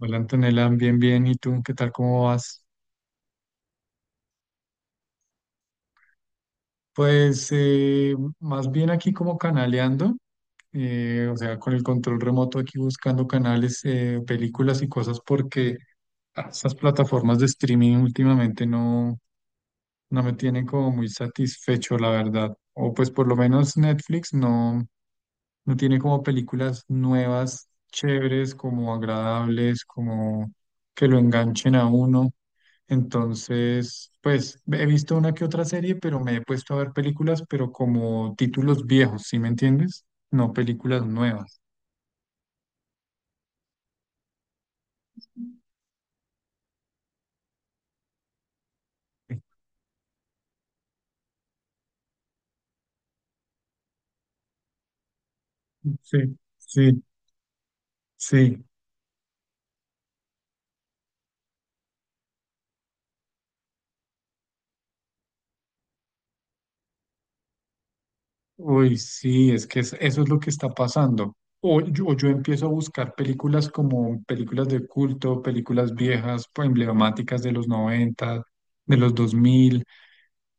Hola Antonella, bien, bien. ¿Y tú qué tal? ¿Cómo vas? Pues más bien aquí como canaleando, o sea, con el control remoto aquí buscando canales, películas y cosas porque esas plataformas de streaming últimamente no, no me tiene como muy satisfecho, la verdad. O pues por lo menos Netflix no, no tiene como películas nuevas, chéveres, como agradables, como que lo enganchen a uno. Entonces, pues he visto una que otra serie, pero me he puesto a ver películas, pero como títulos viejos, ¿sí me entiendes? No películas nuevas. Sí, sí, sí. Uy, sí, es que eso es lo que está pasando. O yo empiezo a buscar películas como películas de culto, películas viejas, pues, emblemáticas de los noventa, de los dos mil.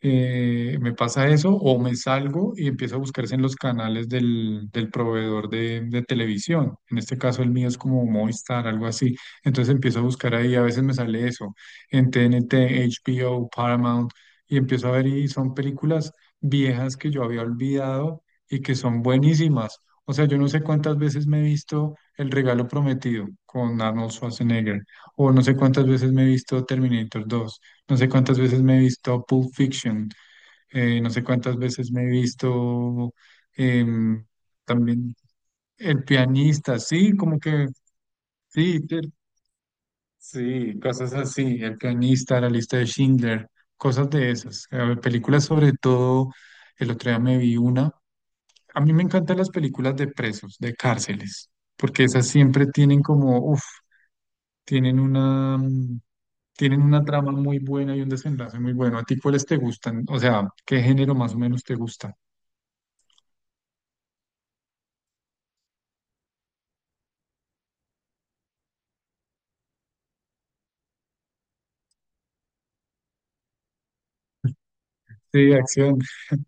Me pasa eso o me salgo y empiezo a buscarse en los canales del proveedor de televisión. En este caso el mío es como Movistar, algo así. Entonces empiezo a buscar ahí, a veces me sale eso, en TNT, HBO, Paramount, y empiezo a ver y son películas viejas que yo había olvidado y que son buenísimas. O sea, yo no sé cuántas veces me he visto El Regalo Prometido con Arnold Schwarzenegger, o no sé cuántas veces me he visto Terminator dos, no sé cuántas veces me he visto Pulp Fiction, no sé cuántas veces me he visto em, también El Pianista, sí, como que sí, sí, cosas así, El Pianista, La Lista de Schindler, cosas de esas. A ver, películas sobre todo, el otro día me vi una. A mí me encantan las películas de presos, de cárceles, porque esas siempre tienen como, uff. Tienen una, tienen una trama muy buena y un desenlace muy bueno. ¿A ti cuáles te gustan? O sea, ¿qué género más o menos te gusta? Sí, de acción.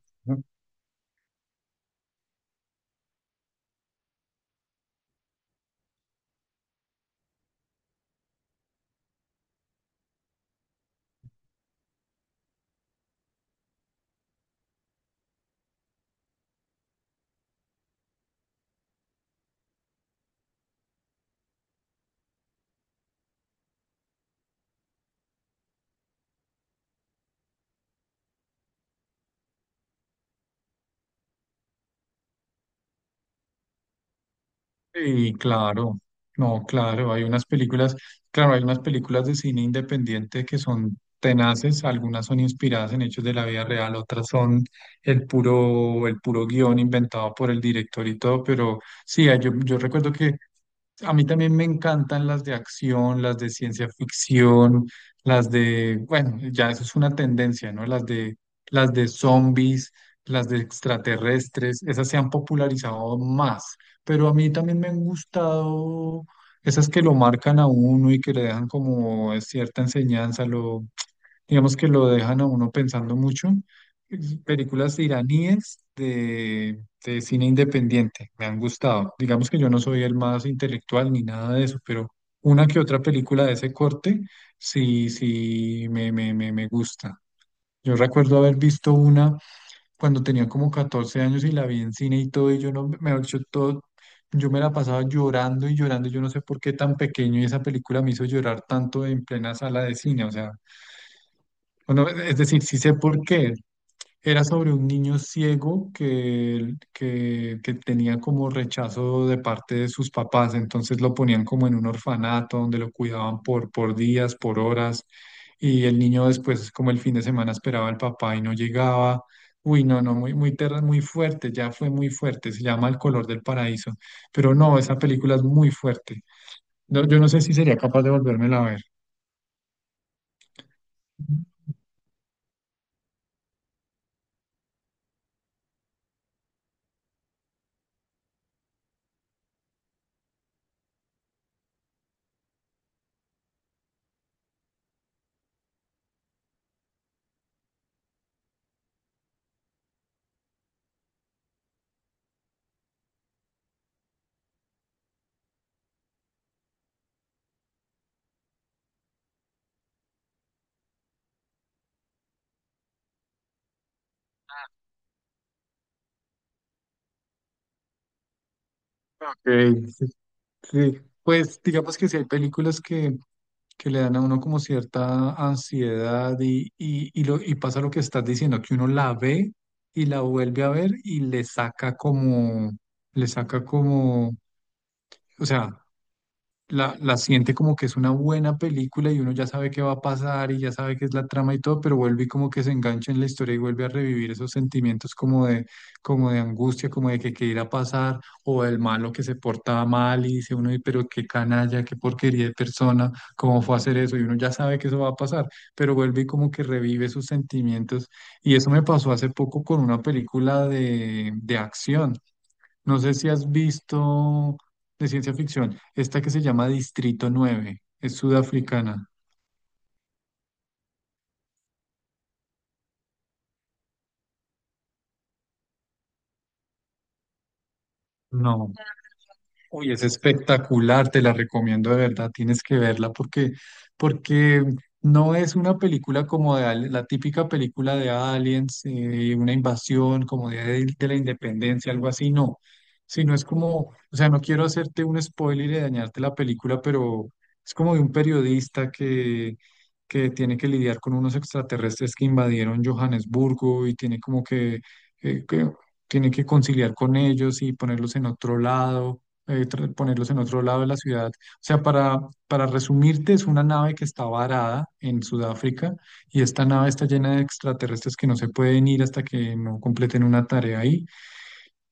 Sí, claro, no, claro, hay unas películas, claro, hay unas películas de cine independiente que son tenaces, algunas son inspiradas en hechos de la vida real, otras son el puro guión inventado por el director y todo, pero sí, yo recuerdo que a mí también me encantan las de acción, las de ciencia ficción, las de, bueno, ya eso es una tendencia, ¿no? Las de zombies, las de extraterrestres, esas se han popularizado más, pero a mí también me han gustado esas que lo marcan a uno y que le dejan como cierta enseñanza, lo, digamos que lo dejan a uno pensando mucho. Películas iraníes de cine independiente me han gustado. Digamos que yo no soy el más intelectual ni nada de eso, pero una que otra película de ese corte sí, sí me gusta. Yo recuerdo haber visto una cuando tenía como 14 años y la vi en cine y todo, y yo no, mejor dicho, todo, yo me la pasaba llorando y llorando, yo no sé por qué tan pequeño y esa película me hizo llorar tanto en plena sala de cine, o sea, bueno, es decir, sí sé por qué, era sobre un niño ciego que tenía como rechazo de parte de sus papás, entonces lo ponían como en un orfanato donde lo cuidaban por días, por horas, y el niño después, como el fin de semana, esperaba al papá y no llegaba. Uy, no, no, muy, muy, muy fuerte, ya fue muy fuerte, se llama El color del paraíso, pero no, esa película es muy fuerte. No, yo no sé si sería capaz de volvérmela a ver. Ok. Sí, pues digamos que sí hay películas que le dan a uno como cierta ansiedad lo, y pasa lo que estás diciendo, que uno la ve y la vuelve a ver y le saca como, o sea, la siente como que es una buena película y uno ya sabe qué va a pasar y ya sabe qué es la trama y todo, pero vuelve y como que se engancha en la historia y vuelve a revivir esos sentimientos como de angustia, como de que qué irá a pasar, o del malo que se porta mal y dice uno, "Ay, pero qué canalla, qué porquería de persona, cómo fue a hacer eso", y uno ya sabe que eso va a pasar, pero vuelve y como que revive sus sentimientos. Y eso me pasó hace poco con una película de acción. No sé si has visto de ciencia ficción, esta que se llama Distrito 9, es sudafricana. No. Uy, es espectacular, te la recomiendo de verdad, tienes que verla porque, porque no es una película como de, la típica película de aliens, una invasión como de la independencia, algo así, no, sino es como, o sea, no quiero hacerte un spoiler y dañarte la película, pero es como de un periodista que tiene que lidiar con unos extraterrestres que invadieron Johannesburgo y tiene como que tiene que conciliar con ellos y ponerlos en otro lado, ponerlos en otro lado de la ciudad. O sea, para resumirte, es una nave que está varada en Sudáfrica y esta nave está llena de extraterrestres que no se pueden ir hasta que no completen una tarea ahí.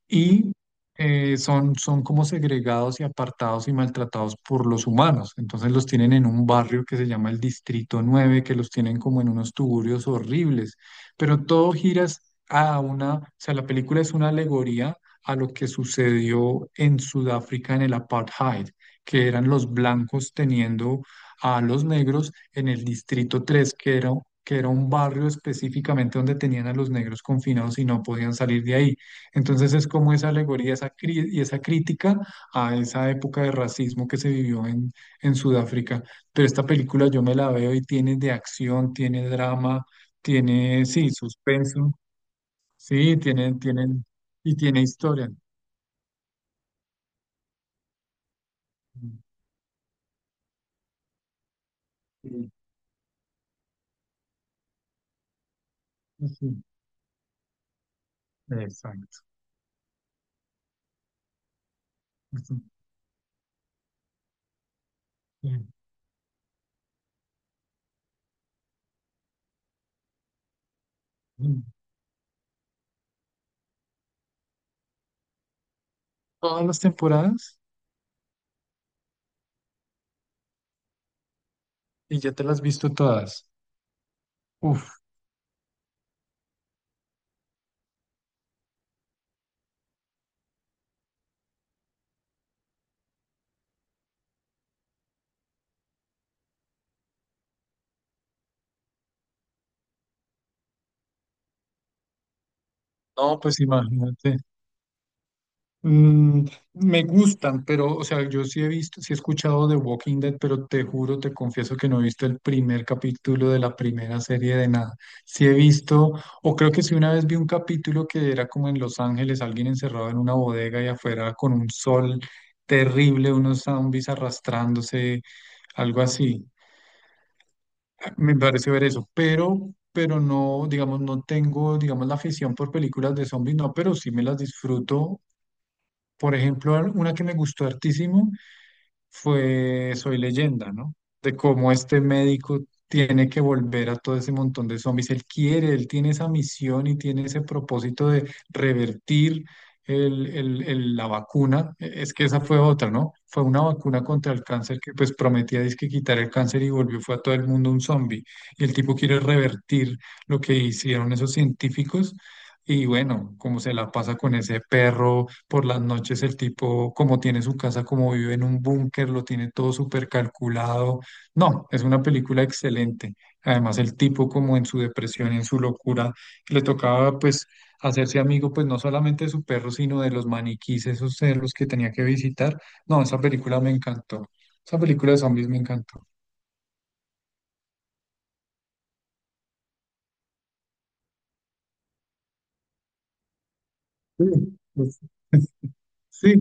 Y son, son como segregados y apartados y maltratados por los humanos. Entonces los tienen en un barrio que se llama el Distrito 9, que los tienen como en unos tugurios horribles, pero todo gira a una, o sea, la película es una alegoría a lo que sucedió en Sudáfrica en el apartheid, que eran los blancos teniendo a los negros en el Distrito 3, que era un barrio específicamente donde tenían a los negros confinados y no podían salir de ahí. Entonces es como esa alegoría, esa y esa crítica a esa época de racismo que se vivió en Sudáfrica. Pero esta película yo me la veo y tiene de acción, tiene drama, tiene, sí, suspenso, sí, tiene, tienen y tiene historia. Sí, sí, exacto. Sí. Mm. Todas las temporadas y ya te las has visto todas. Uf, no, pues imagínate. Mm, me gustan, pero, o sea, yo sí he visto, sí he escuchado de Walking Dead, pero te juro, te confieso que no he visto el primer capítulo de la primera serie de nada. Sí he visto, o creo que sí una vez vi un capítulo que era como en Los Ángeles, alguien encerrado en una bodega y afuera con un sol terrible, unos zombies arrastrándose, algo así. Me parece ver eso, pero no, digamos, no tengo, digamos, la afición por películas de zombies, no, pero sí me las disfruto por ejemplo, una que me gustó hartísimo fue Soy Leyenda, ¿no? De cómo este médico tiene que volver a todo ese montón de zombies. Él quiere, él tiene esa misión y tiene ese propósito de revertir la vacuna. Es que esa fue otra, ¿no? Fue una vacuna contra el cáncer que pues prometía dizque quitar el cáncer y volvió, fue a todo el mundo un zombie. Y el tipo quiere revertir lo que hicieron esos científicos. Y bueno, cómo se la pasa con ese perro por las noches el tipo, como tiene su casa, como vive en un búnker, lo tiene todo súper calculado. No, es una película excelente. Además, el tipo como en su depresión, en su locura, le tocaba pues hacerse amigo pues no solamente de su perro, sino de los maniquís, esos cerros que tenía que visitar. No, esa película me encantó. Esa película de zombies me encantó. Sí, pues, sí,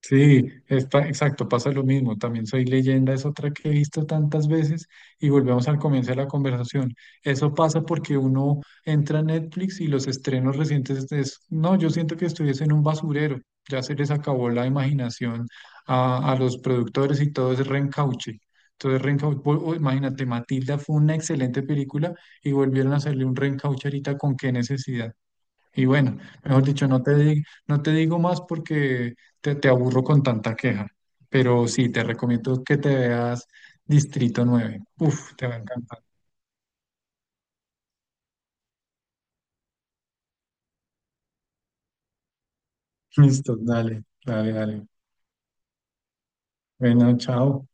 sí, está, exacto, pasa lo mismo. También Soy Leyenda es otra que he visto tantas veces, y volvemos al comienzo de la conversación. Eso pasa porque uno entra a Netflix y los estrenos recientes es, no, yo siento que estuviese en un basurero. Ya se les acabó la imaginación a los productores y todo es reencauche. Entonces, reencauche, imagínate, Matilda fue una excelente película y volvieron a hacerle un reencauche ahorita con qué necesidad. Y bueno, mejor dicho, no te digo más porque te aburro con tanta queja, pero sí, te recomiendo que te veas Distrito 9. Uf, te va a encantar. Listo, dale, dale, dale. Bueno, chao.